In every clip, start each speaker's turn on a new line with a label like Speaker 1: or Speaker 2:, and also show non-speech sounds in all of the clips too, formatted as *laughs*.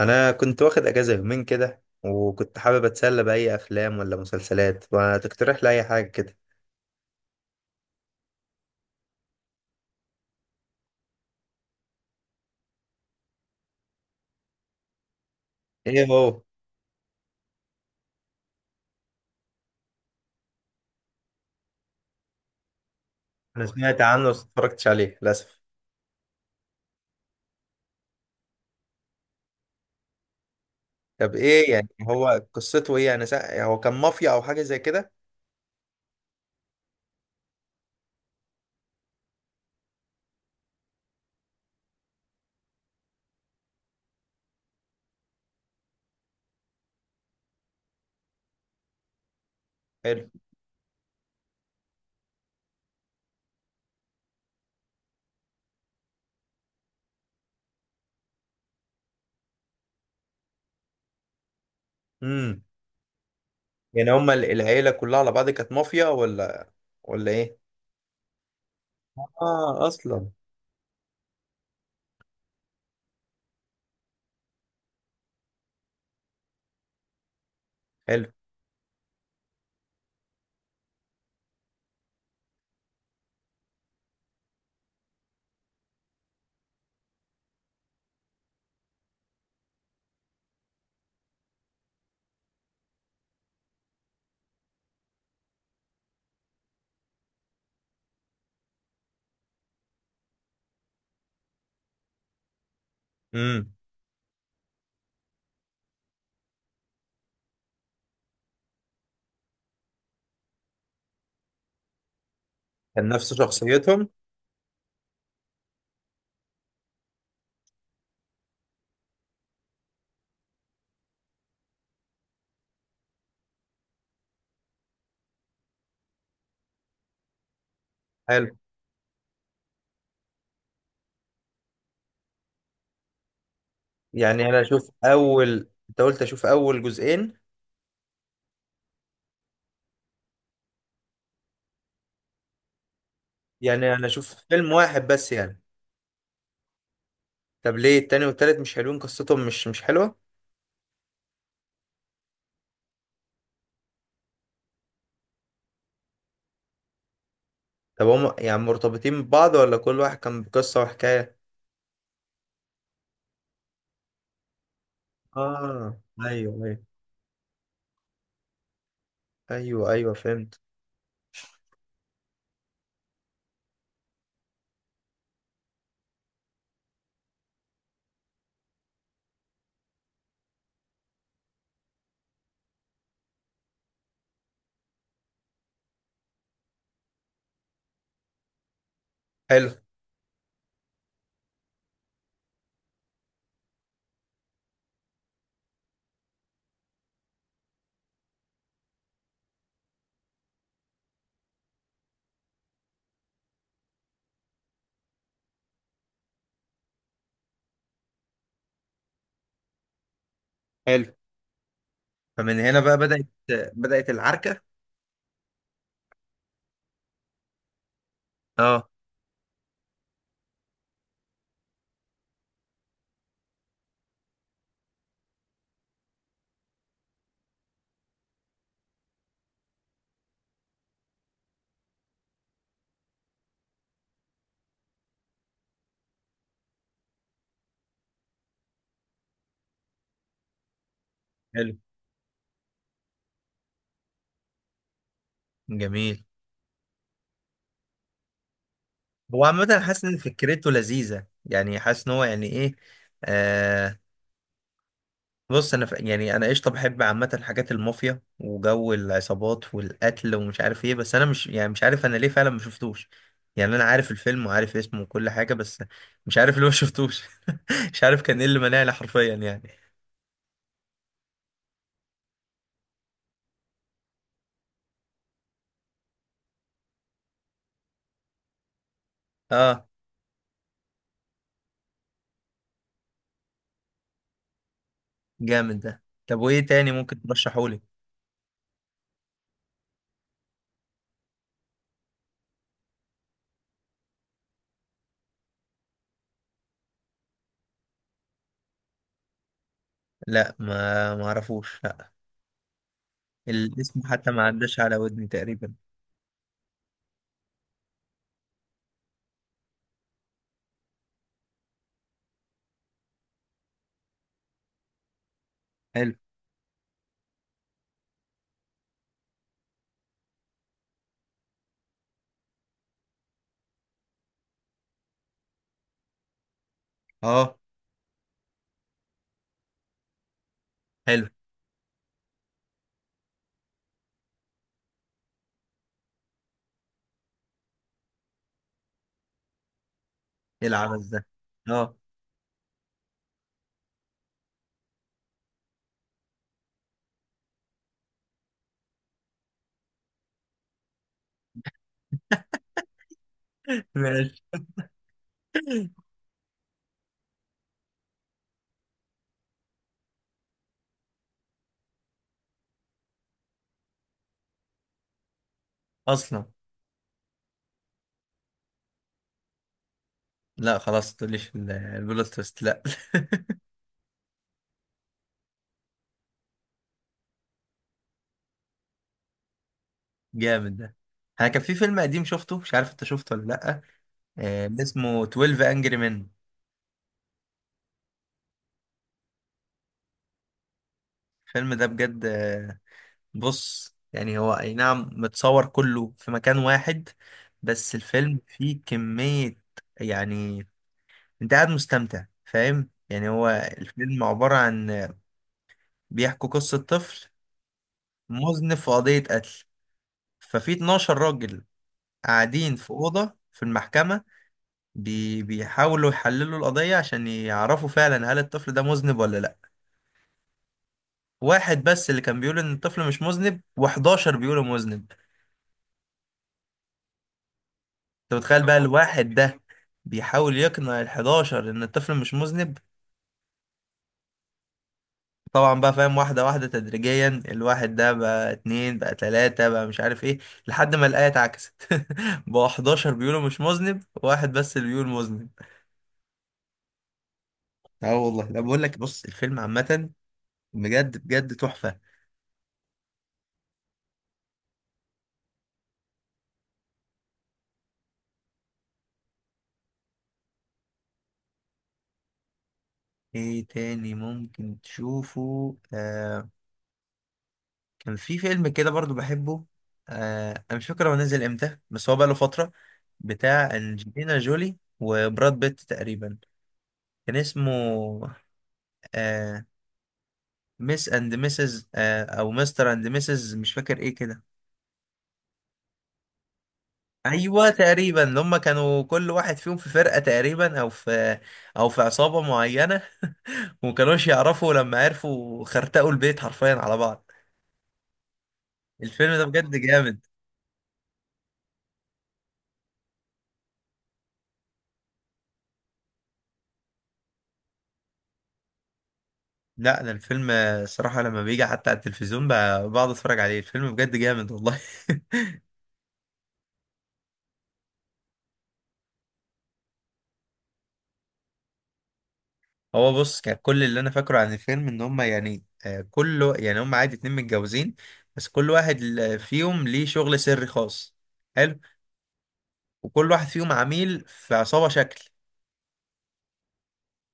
Speaker 1: انا كنت واخد اجازه يومين كده، وكنت حابب اتسلى باي افلام ولا مسلسلات. ما تقترح لي اي حاجه كده؟ ايه هو؟ انا سمعت عنه بس اتفرجتش عليه للاسف. طب ايه يعني؟ هو قصته ايه؟ هو كان مافيا او حاجه زي كده؟ حلو. امم. يعني هما العيله كلها على بعض كانت مافيا ولا ايه؟ اه اصلا. حلو. امم. كان نفس شخصيتهم. حلو. يعني انا اشوف اول، انت قلت اشوف اول جزئين؟ يعني انا اشوف فيلم واحد بس يعني؟ طب ليه التاني والتالت مش حلوين؟ قصتهم مش حلوة؟ طب هم يعني مرتبطين ببعض ولا كل واحد كان بقصة وحكاية؟ اه. ايوه، ايوه. ايوه، ايوه، فهمت. حلو. حلو، فمن هنا بقى بدأت العركة. اه. حلو. جميل. هو عامة حاسس ان فكرته لذيذة، يعني حاسس ان هو يعني ايه؟ آه، بص انا يعني انا قشطه بحب عامه حاجات المافيا وجو العصابات والقتل ومش عارف ايه، بس انا مش، يعني مش عارف انا ليه فعلا ما شفتوش. يعني انا عارف الفيلم وعارف اسمه وكل حاجه، بس مش عارف ليه ما شفتوش. *laughs* مش عارف كان ايه اللي منعني حرفيا يعني. اه. جامد ده. طب وايه تاني ممكن ترشحولي؟ لا، ما اعرفوش، لا. الاسم حتى ما عداش على ودني تقريبا. حلو. اه. حلو. ايه العبث ده؟ اه. *laughs* ماشي. اصلا. لا، خلاص تقوليش البلوت تويست، لا. *laughs* جامد ده. انا كان في فيلم قديم شفته، مش عارف انت شفته ولا لا. اسمه 12 انجري مان. الفيلم ده بجد بص، يعني هو اي نعم متصور كله في مكان واحد، بس الفيلم فيه كمية. يعني انت قاعد مستمتع، فاهم؟ يعني هو الفيلم عبارة عن بيحكوا قصة طفل مذنب في قضية قتل. ففي 12 راجل قاعدين في أوضة في المحكمة، بيحاولوا يحللوا القضية عشان يعرفوا فعلا هل الطفل ده مذنب ولا لأ. واحد بس اللي كان بيقول إن الطفل مش مذنب، و11 بيقولوا مذنب. أنت متخيل يا بقى نهار الواحد ده؟ بيحاول يقنع ال11 إن الطفل مش مذنب. طبعا بقى، فاهم، واحدة واحدة تدريجيا، الواحد ده بقى اتنين، بقى تلاتة، بقى مش عارف ايه، لحد ما الآية اتعكست. *laughs* بقى 11 بيقولوا مش مذنب واحد بس اللي بيقول مذنب. اه والله، لا بقول لك، بص، الفيلم عامة بجد بجد تحفة. ايه تاني ممكن تشوفه كان في فيلم كده برضو بحبه. انا مش فاكر هو نزل امتى بس هو بقاله فترة. بتاع انجلينا جولي وبراد بيت تقريبا. كان اسمه، آه ميس اند ميسز، او مستر اند ميسز، مش فاكر ايه كده. ايوه تقريبا، اللي هم كانوا كل واحد فيهم في فرقة تقريبا، او في عصابة معينة. ومكانوش يعرفوا، لما عرفوا خرتقوا البيت حرفيا على بعض. الفيلم ده بجد جامد. لا، انا الفيلم، صراحة لما بيجي حتى على التلفزيون، بقعد اتفرج عليه. الفيلم بجد جامد والله. *laughs* هو بص، كان كل اللي انا فاكره عن الفيلم ان هم، يعني، كله يعني، هم عادي اتنين متجوزين، بس كل واحد فيهم ليه شغل سري خاص. حلو. وكل واحد فيهم عميل في عصابة شكل.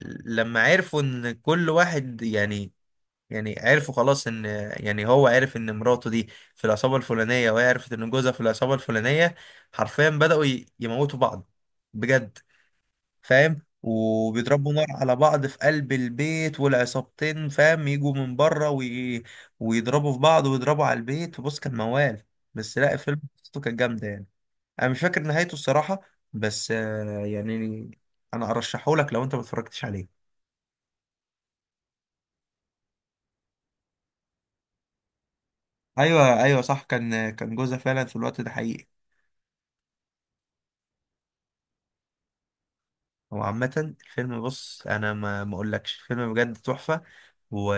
Speaker 1: لما عرفوا ان كل واحد يعني، يعني عرفوا خلاص ان، يعني هو عرف ان مراته دي في العصابة الفلانية، وهي عرفت ان جوزها في العصابة الفلانية. حرفيا بدأوا يموتوا بعض. بجد. فاهم؟ وبيضربوا نار على بعض في قلب البيت، والعصابتين فاهم يجوا من بره ويضربوا في بعض ويضربوا على البيت. بص، كان موال، بس لا، الفيلم قصته كانت جامدة يعني. انا مش فاكر نهايته الصراحة، بس يعني انا ارشحه لك لو انت ما اتفرجتش عليه. ايوه، ايوه، صح، كان جوزها فعلا في الوقت ده، حقيقي. هو عامة الفيلم، بص، انا ما اقولكش، الفيلم بجد تحفة. و...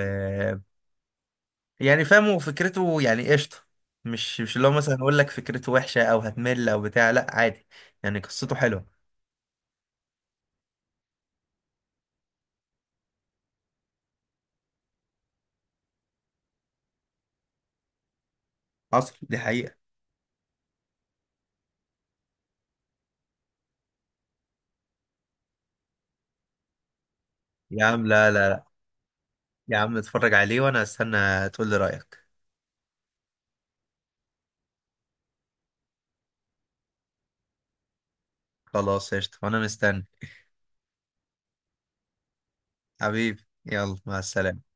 Speaker 1: يعني فاهمه، وفكرته يعني قشطة. مش اللي هو مثلا اقول لك فكرته وحشة او هتمل او بتاع، لا عادي. يعني قصته حلوة. حصل دي حقيقة. يا عم لا، لا، لا. يا عم، اتفرج عليه وانا استنى، تقول لي رأيك. خلاص، قشطة، وانا مستني. حبيبي يلا، مع السلامة.